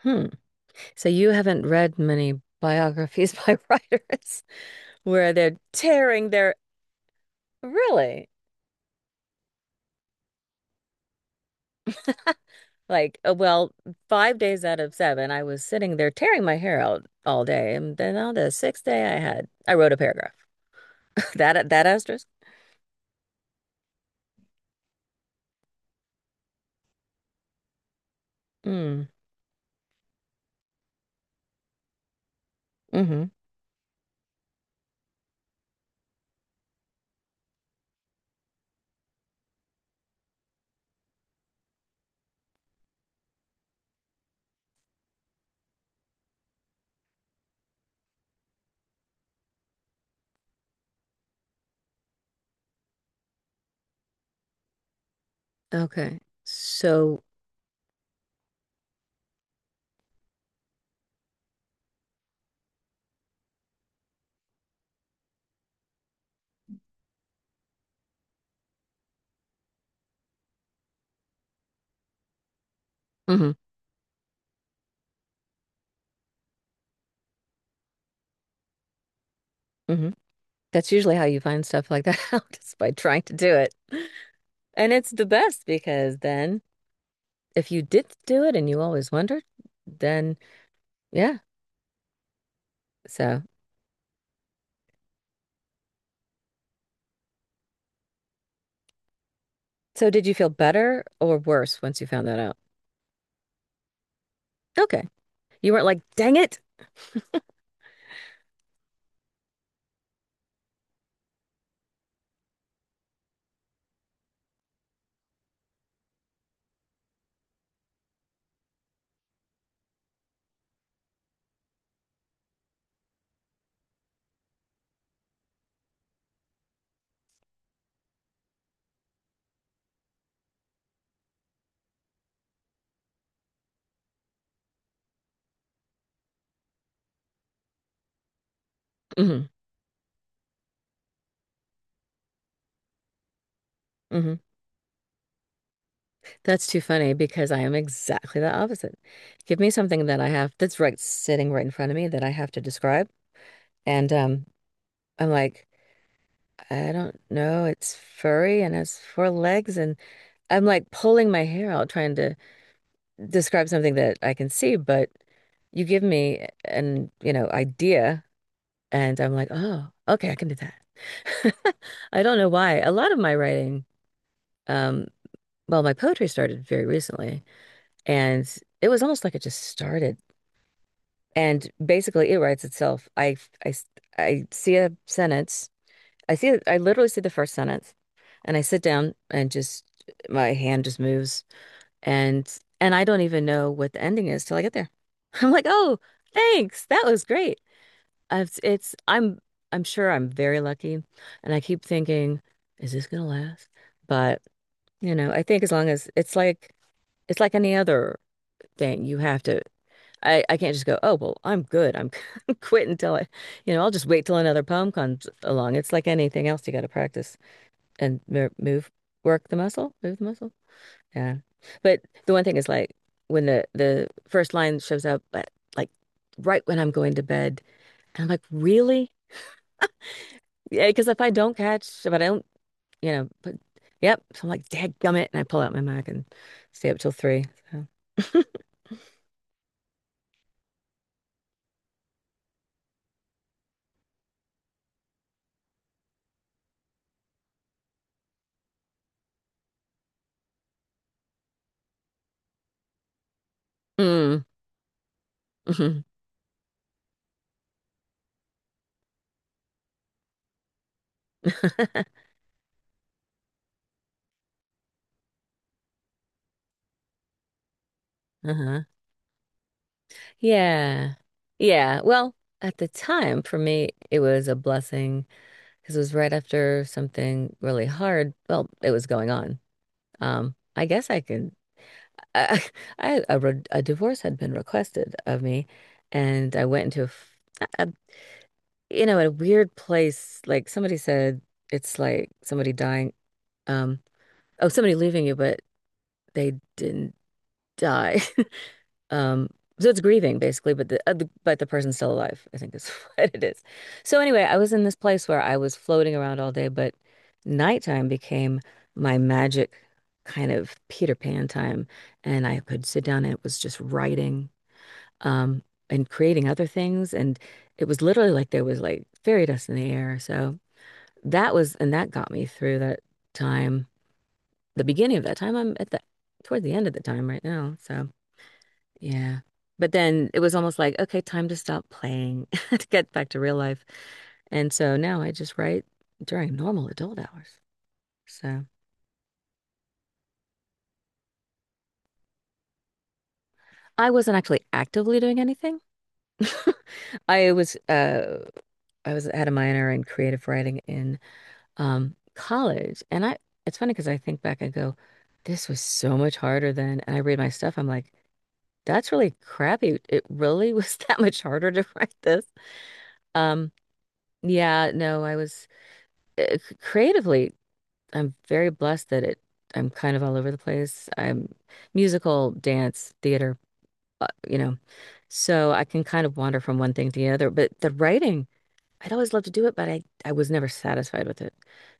Hmm. So you haven't read many biographies by writers where they're tearing their really like, 5 days out of seven, I was sitting there tearing my hair out all day, and then on the sixth day, I wrote a paragraph. That that asterisk. Mm. Mm-hmm. Okay. So. Mm-hmm. Mm-hmm. That's usually how you find stuff like that out, is by trying to do it. And it's the best because then if you did do it and you always wondered, then yeah. So. So did you feel better or worse once you found that out? Okay. You weren't like, dang it. Hmm. Hmm. That's too funny because I am exactly the opposite. Give me something that I have that's right sitting right in front of me that I have to describe. And I'm like, I don't know. It's furry and has four legs. And I'm like pulling my hair out trying to describe something that I can see. But you give me an, you know, idea. And I'm like, oh, okay, I can do that. I don't know why. A lot of my writing, um, well, my poetry started very recently, and it was almost like it just started. And basically, it writes itself. I, I see a sentence. I see, I literally see the first sentence, and I sit down and just my hand just moves, and and I don't even know what the ending is till I get there. I'm like, oh, thanks, that was great. It's I'm sure I'm very lucky, and I keep thinking, is this gonna last? But you know, I think as long as it's like any other thing, you have to. I can't just go, oh well, I'm good. I'm quit until I, you know, I'll just wait till another poem comes along. It's like anything else, you got to practice and move, work the muscle, move the muscle. Yeah, but the one thing is like when the first line shows up, but like right when I'm going to bed, and I'm like, really? Yeah, because if I don't catch, if I don't, you know, but yep. So I'm like, dadgummit, and I pull out my Mac and stay up till three. So. Mm. Hmm. Uh-huh. Yeah. Yeah. Well, at the time, for me, it was a blessing because it was right after something really hard. Well, it was going on. I guess I could. I, a divorce had been requested of me, and I went into a, a you know, in a weird place, like somebody said, it's like somebody dying. Um, oh, somebody leaving you, but they didn't die. Um, so it's grieving basically, but the but the person's still alive. I think is what it is. So anyway, I was in this place where I was floating around all day, but nighttime became my magic kind of Peter Pan time, and I could sit down and it was just writing, um, and creating other things, and it was literally like there was like fairy dust in the air. So that was, and that got me through that time, the beginning of that time. I'm at the, toward the end of the time right now. So, yeah. But then it was almost like, okay, time to stop playing to get back to real life. And so now I just write during normal adult hours. So I wasn't actually actively doing anything. I was uh I was had a minor in creative writing in college and I it's funny because I think back and go this was so much harder then and I read my stuff I'm like that's really crappy. It really was that much harder to write this. Um, yeah, no, creatively, I'm very blessed that it, I'm kind of all over the place. I'm musical, dance, theater, you know, so I can kind of wander from one thing to the other. But the writing, I'd always loved to do it, but I was never satisfied with it.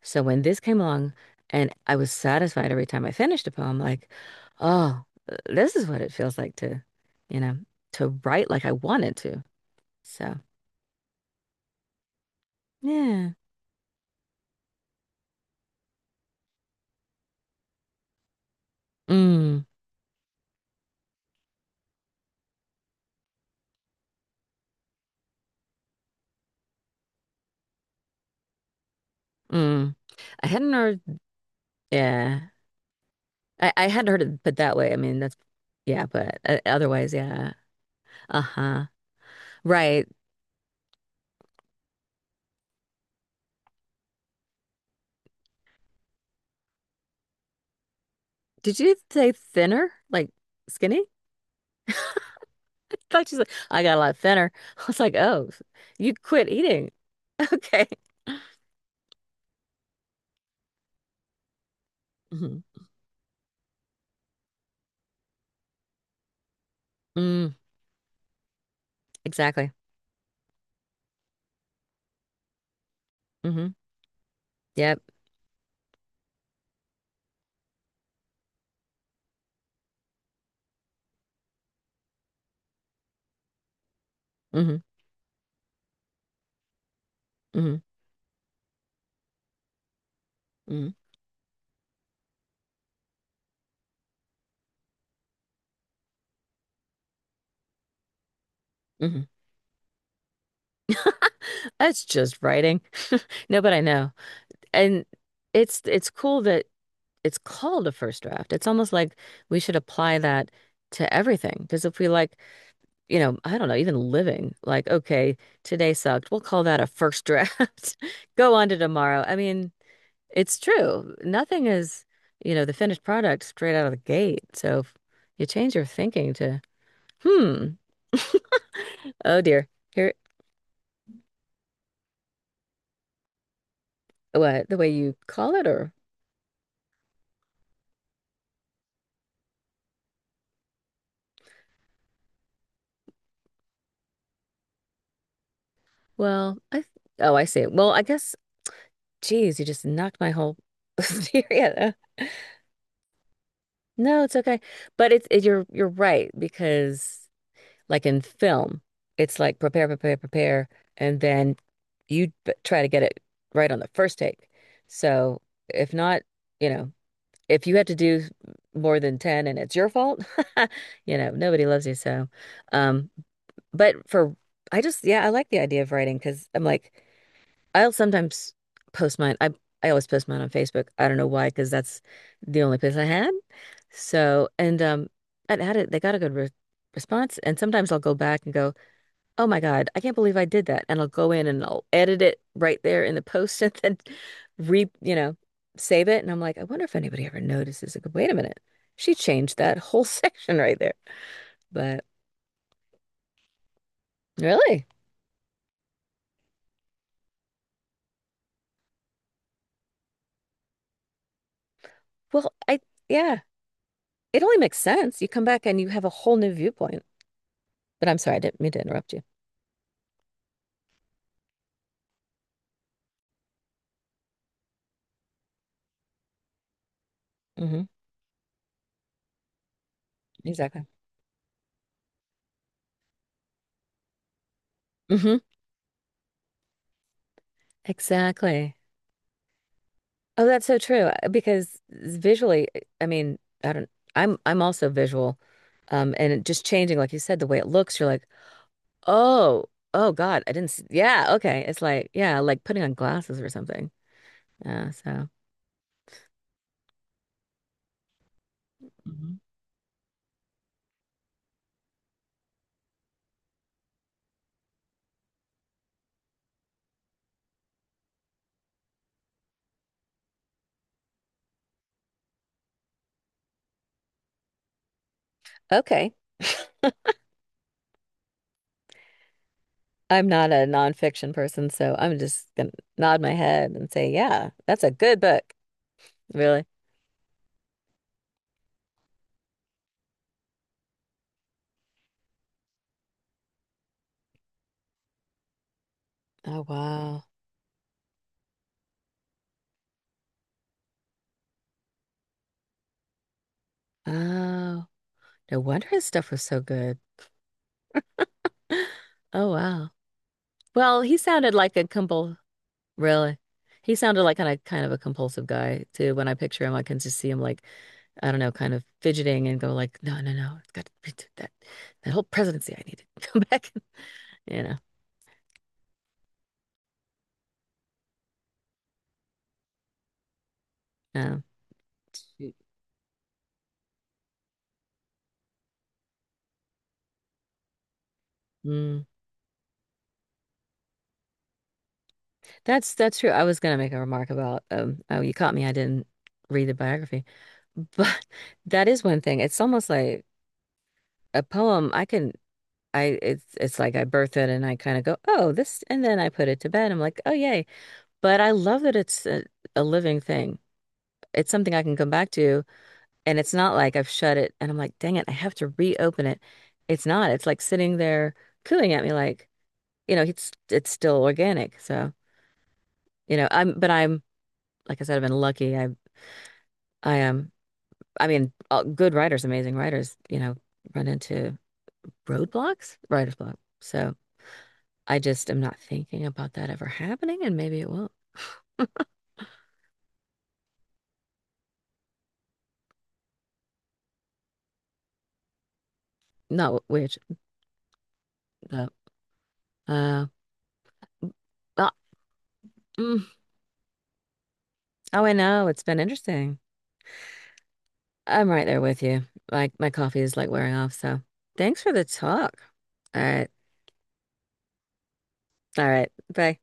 So when this came along and I was satisfied every time I finished a poem, like, oh, this is what it feels like to, you know, to write like I wanted to. So yeah. Mm, mm. I hadn't heard, yeah. I hadn't heard it put that way. I mean, that's, yeah, but otherwise, yeah. Uh-huh. Right. Did you say thinner? Like skinny? Thought she's like, I got a lot thinner. I was like, oh, you quit eating. Okay. Hmm. Mm, exactly. Hmm. Yep. Hmm. Hmm. Hmm. Hmm. That's just writing. No, but I know. And it's cool that it's called a first draft. It's almost like we should apply that to everything. Because if we like, you know, I don't know, even living, like, okay, today sucked. We'll call that a first draft. Go on to tomorrow. I mean, it's true. Nothing is, you know, the finished product straight out of the gate. So if you change your thinking to. Hmm. Oh dear. Here, what, the way you call it or? Well, oh, I see. Well, I guess, geez, you just knocked my whole theory out. No, it's okay. But you're right because like in film, it's like prepare, prepare, prepare. And then you try to get it right on the first take. So if not, you know, if you had to do more than 10 and it's your fault, you know, nobody loves you. So, um, but for I just yeah, I like the idea of writing because I'm like I'll sometimes post mine. I always post mine on Facebook. I don't know why because that's the only place I had. So and I had it. They got a good re response. And sometimes I'll go back and go, oh my God, I can't believe I did that. And I'll go in and I'll edit it right there in the post and then re you know save it. And I'm like, I wonder if anybody ever notices. Like, wait a minute, she changed that whole section right there. But really, well, I yeah. It only makes sense. You come back and you have a whole new viewpoint. But I'm sorry, I didn't mean to interrupt you. Hmm. Exactly. Hmm. Exactly. Oh, that's so true. Because visually, I mean, I don't, I'm also visual. And it just changing, like you said, the way it looks, you're like, oh, oh God, I didn't see. Yeah. Okay. It's like, yeah, like putting on glasses or something. Yeah. So, mhm. Okay. I'm not a nonfiction person, so I'm just gonna nod my head and say, yeah, that's a good book. Really. Oh, wow. Oh, no wonder his stuff was so good. Oh, wow. Well, he sounded like a compul really. He sounded like kind of a compulsive guy too. When I picture him, I can just see him like, I don't know, kind of fidgeting and go like, no, no, no, it's got to be that that whole presidency I need to come back. You know. Um, Mm. Mm, that's true. I was gonna make a remark about um oh you caught me. I didn't read the biography. But that is one thing. It's almost like a poem. I can. I it's like I birth it and I kind of go, oh, this, and then I put it to bed. I'm like, oh, yay. But I love that it's a living thing. It's something I can come back to, and it's not like I've shut it and I'm like, dang it, I have to reopen it. It's not. It's like sitting there cooing at me, like, you know, it's still organic. So, you know, but I'm, like I said, I've been lucky. I am. I mean, all, good writers, amazing writers, you know, run into roadblocks, writer's block. So. I just am not thinking about that ever happening, and maybe it will. Not which, but, uh, oh, mm, oh, I know. It's been interesting. I'm right there with you. Like, my coffee is like wearing off, so thanks for the talk. All right. All right. Bye.